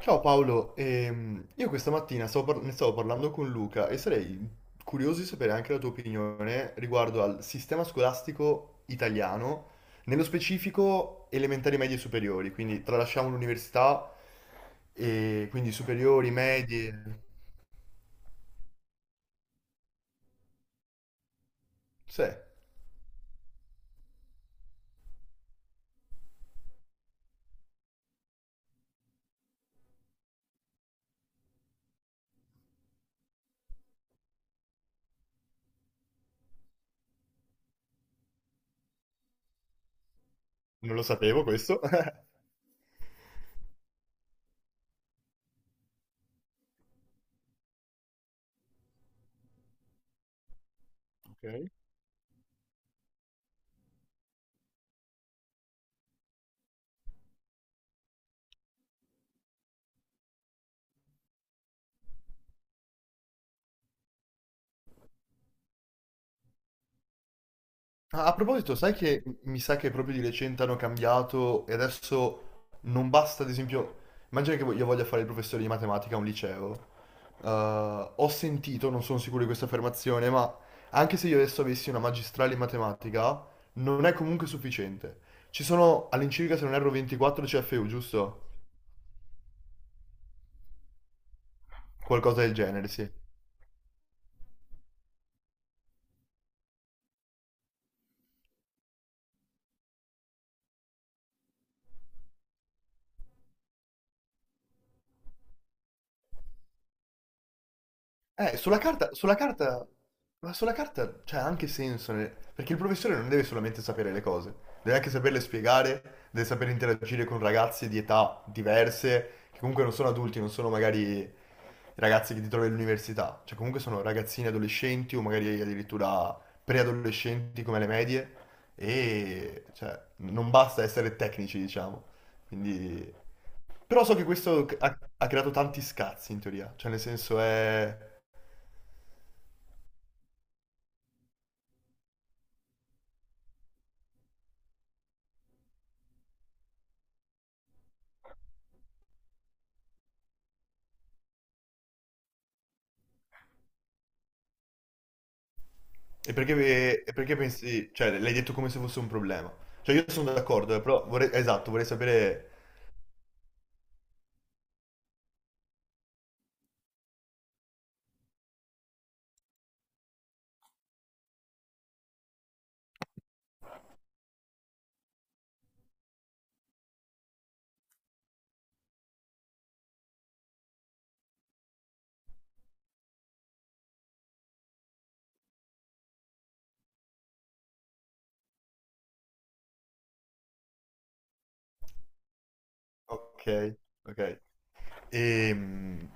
Ciao Paolo, io questa mattina ne stavo parlando con Luca e sarei curioso di sapere anche la tua opinione riguardo al sistema scolastico italiano, nello specifico elementari, medie e superiori, quindi tralasciamo l'università e quindi superiori, medie... Sì, non lo sapevo questo. Ok. Ah, a proposito, sai che mi sa che proprio di recente hanno cambiato e adesso non basta, ad esempio, immagina che io voglia fare il professore di matematica a un liceo. Eh, ho sentito, non sono sicuro di questa affermazione, ma anche se io adesso avessi una magistrale in matematica, non è comunque sufficiente. Ci sono all'incirca, se non erro, 24 CFU, giusto? Qualcosa del genere, sì. Sulla carta, ma sulla carta c'è anche senso, nel- perché il professore non deve solamente sapere le cose, deve anche saperle spiegare, deve sapere interagire con ragazzi di età diverse, che comunque non sono adulti, non sono magari i ragazzi che ti trovi all'università, cioè comunque sono ragazzini adolescenti o magari addirittura preadolescenti come le medie, e cioè, non basta essere tecnici, diciamo. Quindi... Però so che questo ha creato tanti scazzi in teoria, cioè nel senso è... E perché pensi, cioè l'hai detto come se fosse un problema. Cioè io sono d'accordo, però vorrei, esatto, vorrei sapere... Ok, ok. Ehm,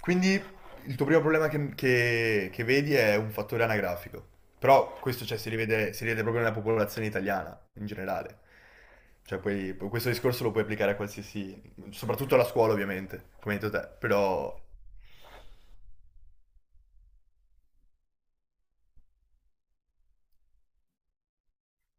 quindi il tuo primo problema che vedi è un fattore anagrafico, però questo cioè, si rivede proprio nella popolazione italiana in generale. Cioè, questo discorso lo puoi applicare a qualsiasi, soprattutto alla scuola ovviamente, come hai detto te, però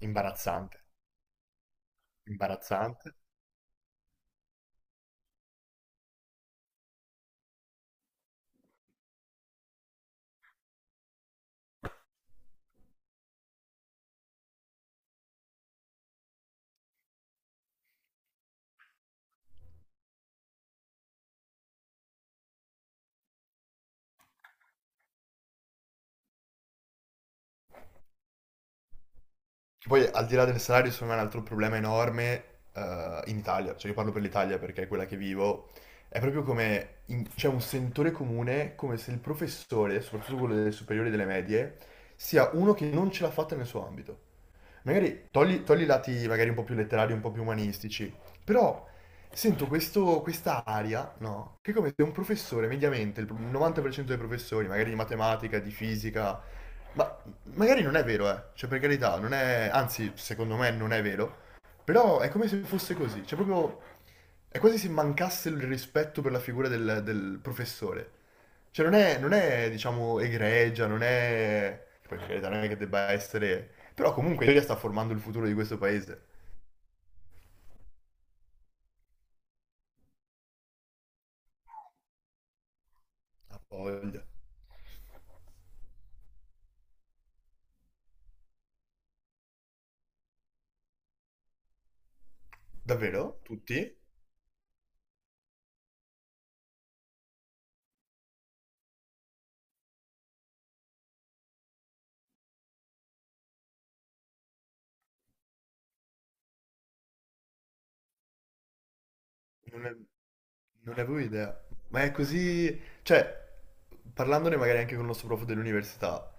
imbarazzante, imbarazzante. Che poi al di là del salario, secondo me è un altro problema enorme in Italia, cioè io parlo per l'Italia perché è quella che vivo, è proprio come in- c'è un sentore comune come se il professore, soprattutto quello delle superiori e delle medie, sia uno che non ce l'ha fatta nel suo ambito magari togli, togli i lati magari un po' più letterari, un po' più umanistici, però sento questo, questa aria, no? Che è come se un professore, mediamente, il 90% dei professori, magari di matematica, di fisica, ma magari non è vero, cioè per carità, non è, anzi, secondo me non è vero, però è come se fosse così, cioè proprio, è quasi se mancasse il rispetto per la figura del professore. Cioè non è, diciamo, egregia, non è... Poi per carità, non è che debba essere... Però comunque l'Italia sta formando il futuro di questo paese. Ha voglia. Davvero? Tutti? Non ne, non ne avevo idea. Ma è così... Cioè, parlandone magari anche con il nostro prof dell'università,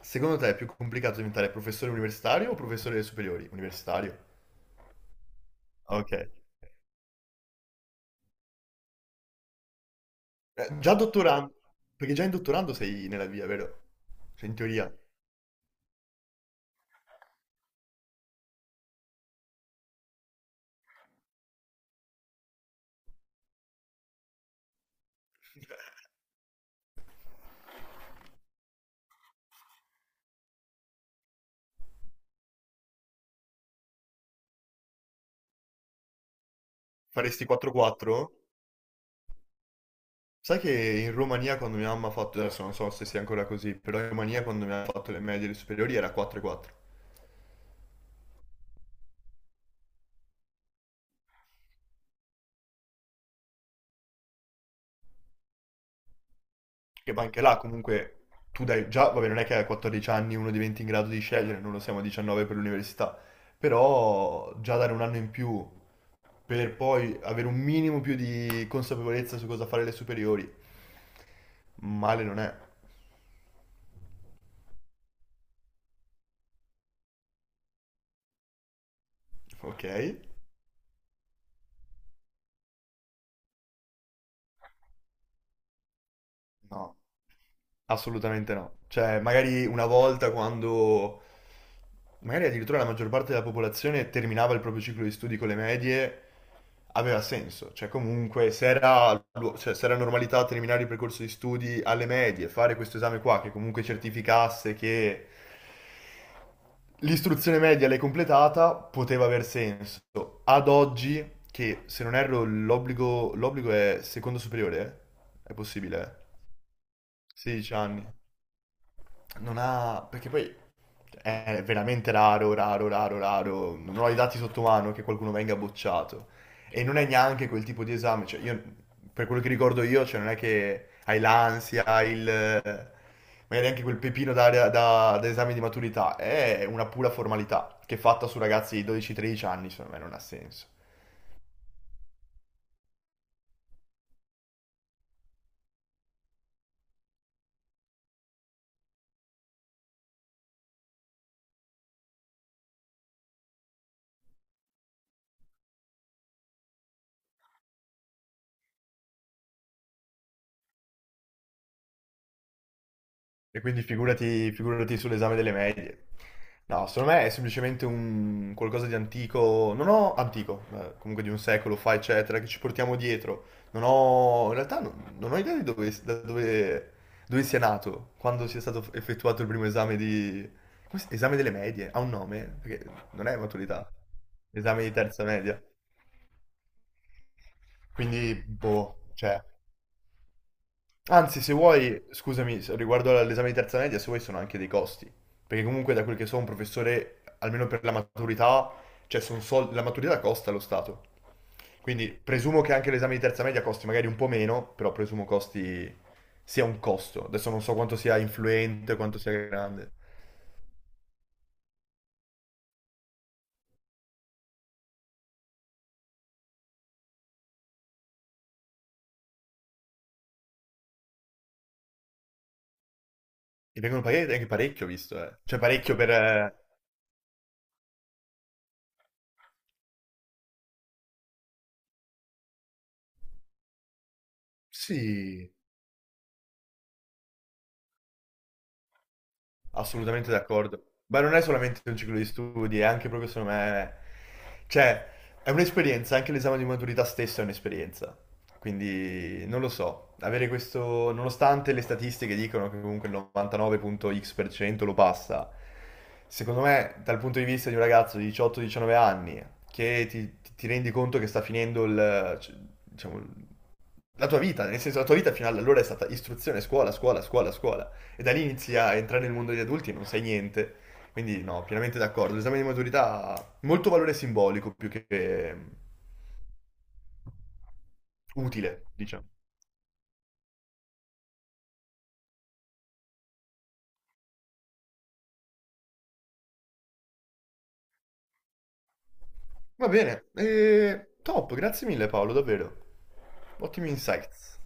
secondo te è più complicato diventare professore universitario o professore delle superiori? Universitario. Ah, ok. Già dottorando, perché già in dottorando sei nella via, vero? Cioè in teoria. Faresti 4-4? Sai che in Romania quando mia mamma ha fatto, adesso non so se sia ancora così, però in Romania quando mi ha fatto le medie e le superiori era 4-4. Che ma anche là comunque tu dai già, vabbè non è che a 14 anni uno diventi in grado di scegliere, non lo siamo a 19 per l'università, però già dare un anno in più per poi avere un minimo più di consapevolezza su cosa fare le superiori, male non è, ok? No. Assolutamente no. Cioè, magari una volta quando magari addirittura la maggior parte della popolazione terminava il proprio ciclo di studi con le medie, aveva senso. Cioè, comunque, se era, cioè, se era normalità terminare il percorso di studi alle medie, fare questo esame qua che comunque certificasse che l'istruzione media l'hai completata, poteva aver senso. Ad oggi, che se non erro l'obbligo è secondo superiore, eh? È possibile, eh? 16 anni. Non ha... perché poi è veramente raro, raro, raro, raro. Non ho i dati sotto mano che qualcuno venga bocciato. E non è neanche quel tipo di esame. Cioè, io, per quello che ricordo io, cioè, non è che hai l'ansia, hai il... magari anche quel pepino da esame di maturità. È una pura formalità che è fatta su ragazzi di 12-13 anni, secondo me non ha senso. E quindi figurati, figurati sull'esame delle medie. No, secondo me è semplicemente un qualcosa di antico, non ho antico, comunque di un secolo fa, eccetera, che ci portiamo dietro. Non ho, in realtà non, non ho idea di dove, da dove, dove sia nato, quando sia stato effettuato il primo esame di... come si- Esame delle medie, ha un nome? Perché non è maturità, esame di terza media. Quindi, boh, cioè... Anzi, se vuoi, scusami, se- riguardo all'esame di terza media, se vuoi sono anche dei costi. Perché comunque da quel che so un professore, almeno per la maturità, cioè sono soldi, la maturità costa allo Stato. Quindi presumo che anche l'esame di terza media costi magari un po' meno, però presumo costi sia un costo. Adesso non so quanto sia influente, quanto sia grande. E vengono pagati anche parecchio, ho visto, eh. Cioè parecchio per... sì, assolutamente d'accordo. Ma non è solamente un ciclo di studi, è anche proprio secondo me... Cioè, è un'esperienza, anche l'esame di maturità stesso è un'esperienza. Quindi, non lo so, avere questo... Nonostante le statistiche dicono che comunque il 99.x% lo passa, secondo me, dal punto di vista di un ragazzo di 18-19 anni, che ti rendi conto che sta finendo il... cioè, diciamo, la tua vita, nel senso la tua vita fino ad allora è stata istruzione, scuola, scuola, scuola, scuola. E da lì inizi a entrare nel mondo degli adulti e non sai niente. Quindi no, pienamente d'accordo. L'esame di maturità ha molto valore simbolico più che utile, diciamo. Va bene, e top, grazie mille Paolo, davvero. Ottimi insights.